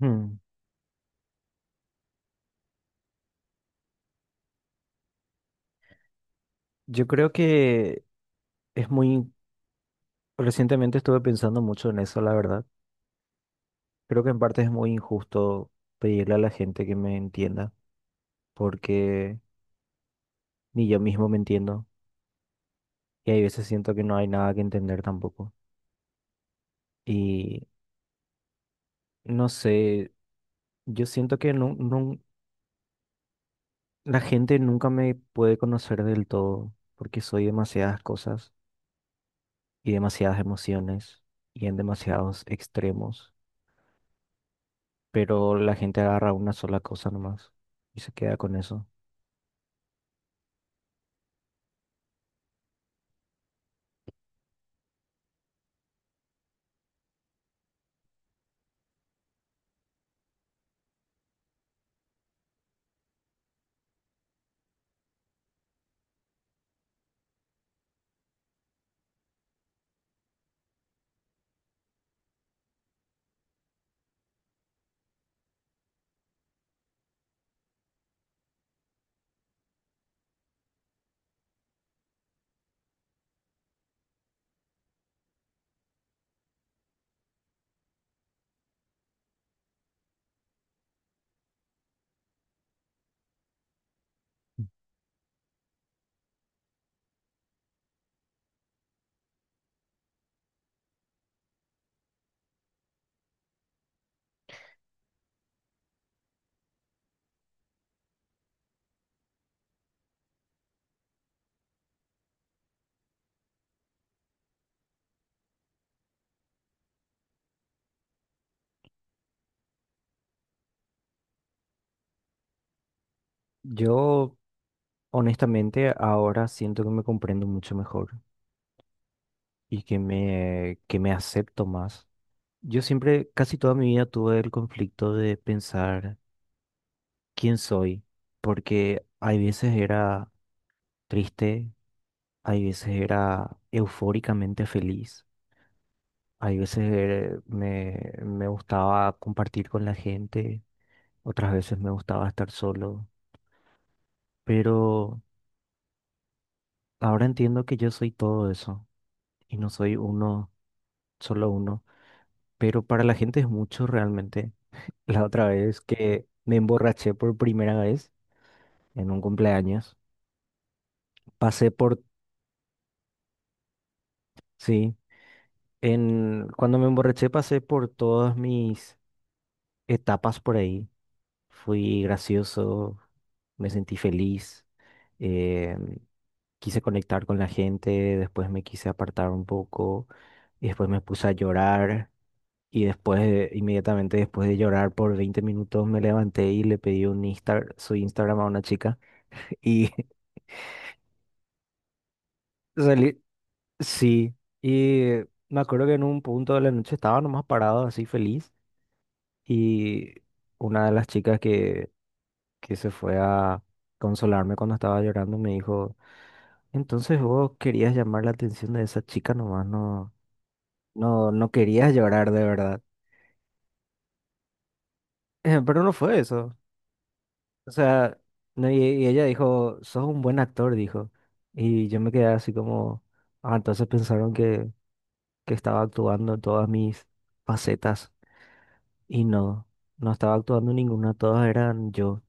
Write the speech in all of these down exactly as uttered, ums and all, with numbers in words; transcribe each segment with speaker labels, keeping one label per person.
Speaker 1: Hmm. Yo creo que es muy, recientemente estuve pensando mucho en eso, la verdad. Creo que en parte es muy injusto pedirle a la gente que me entienda, porque ni yo mismo me entiendo y hay veces siento que no hay nada que entender tampoco. Y no sé, yo siento que nu- nun- la gente nunca me puede conocer del todo, porque soy demasiadas cosas y demasiadas emociones y en demasiados extremos. Pero la gente agarra una sola cosa nomás y se queda con eso. Yo, honestamente, ahora siento que me comprendo mucho mejor y que me, que me acepto más. Yo siempre, casi toda mi vida tuve el conflicto de pensar quién soy, porque hay veces era triste, hay veces era eufóricamente feliz, hay veces eh, me, me gustaba compartir con la gente, otras veces me gustaba estar solo, pero... ahora entiendo que yo soy todo eso y no soy uno, solo uno, pero para la gente es mucho realmente. La otra vez que me emborraché por primera vez en un cumpleaños, pasé por, sí, en, cuando me emborraché pasé por todas mis etapas por ahí. Fui gracioso, me sentí feliz, eh, quise conectar con la gente, después me quise apartar un poco y después me puse a llorar. Y después, de- inmediatamente después de llorar por veinte minutos, me levanté y le pedí un Insta, su Instagram a una chica. Y salí, sí. Y me acuerdo que en un punto de la noche estaba nomás parado, así feliz. Y una de las chicas que, que se fue a consolarme cuando estaba llorando me dijo, entonces vos querías llamar la atención de esa chica nomás, no, no, no querías llorar de verdad. Pero no fue eso. O sea, no, y, y ella dijo, sos un buen actor, dijo. Y yo me quedé así como, ah, entonces pensaron que, que estaba actuando en todas mis facetas. Y no, no estaba actuando en ninguna, todas eran yo.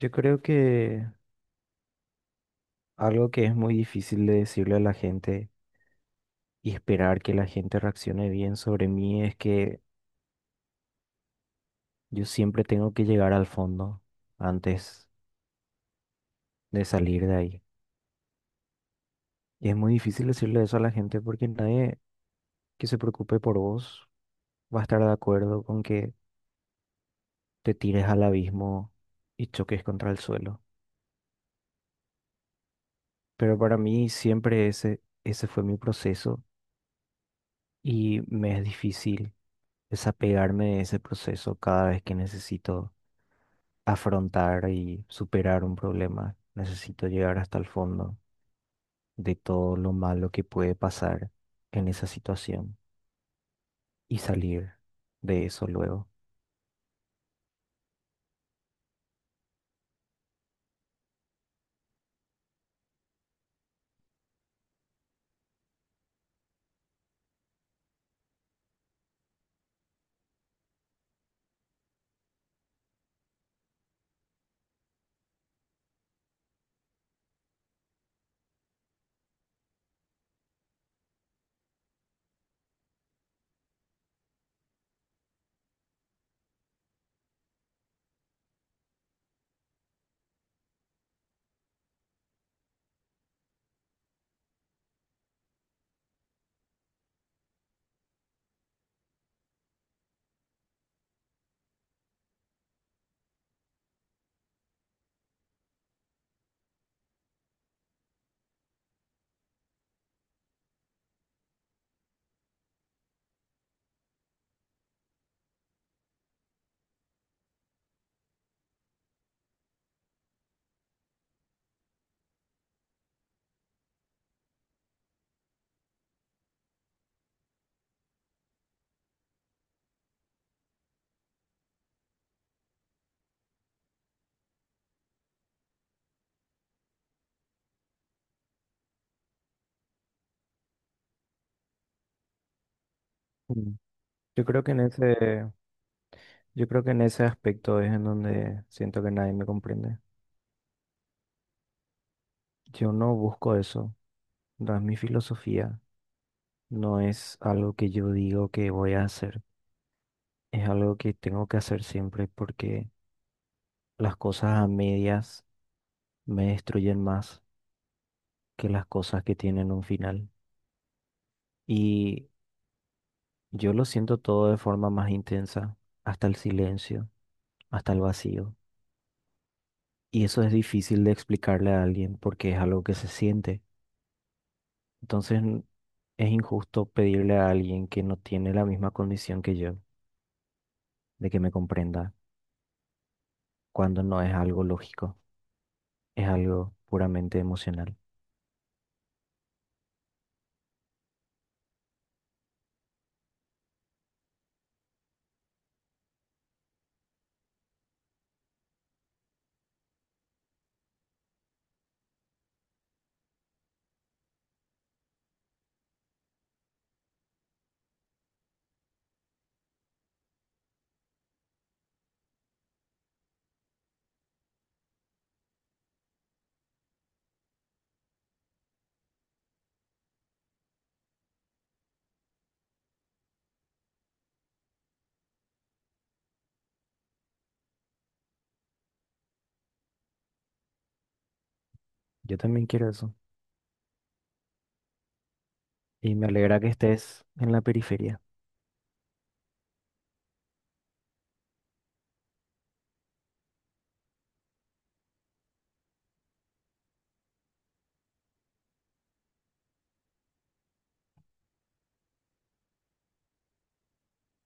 Speaker 1: Yo creo que algo que es muy difícil de decirle a la gente y esperar que la gente reaccione bien sobre mí es que yo siempre tengo que llegar al fondo antes de salir de ahí. Y es muy difícil decirle eso a la gente porque nadie que se preocupe por vos va a estar de acuerdo con que te tires al abismo y choques contra el suelo. Pero para mí siempre ese, ese fue mi proceso y me es difícil desapegarme de ese proceso cada vez que necesito afrontar y superar un problema. Necesito llegar hasta el fondo de todo lo malo que puede pasar en esa situación y salir de eso luego. Mm. Yo creo que en ese, yo creo que en ese aspecto es en donde siento que nadie me comprende. Yo no busco eso, no es mi filosofía, no es algo que yo digo que voy a hacer, es algo que tengo que hacer siempre porque las cosas a medias me destruyen más que las cosas que tienen un final. Y yo lo siento todo de forma más intensa, hasta el silencio, hasta el vacío. Y eso es difícil de explicarle a alguien porque es algo que se siente. Entonces n- es injusto pedirle a alguien que no tiene la misma condición que yo de que me comprenda, cuando no es algo lógico, es algo puramente emocional. Yo también quiero eso y me alegra que estés en la periferia.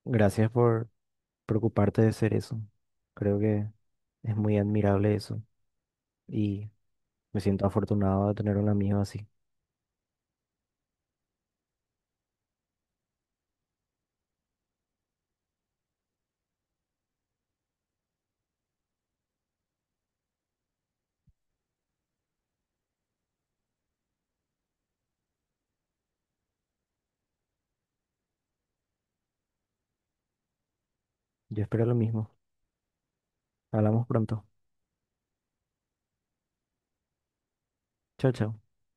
Speaker 1: Gracias por preocuparte de ser eso. Creo que es muy admirable eso y me siento afortunado de tener un amigo así. Yo espero lo mismo. Hablamos pronto. Chao, chao.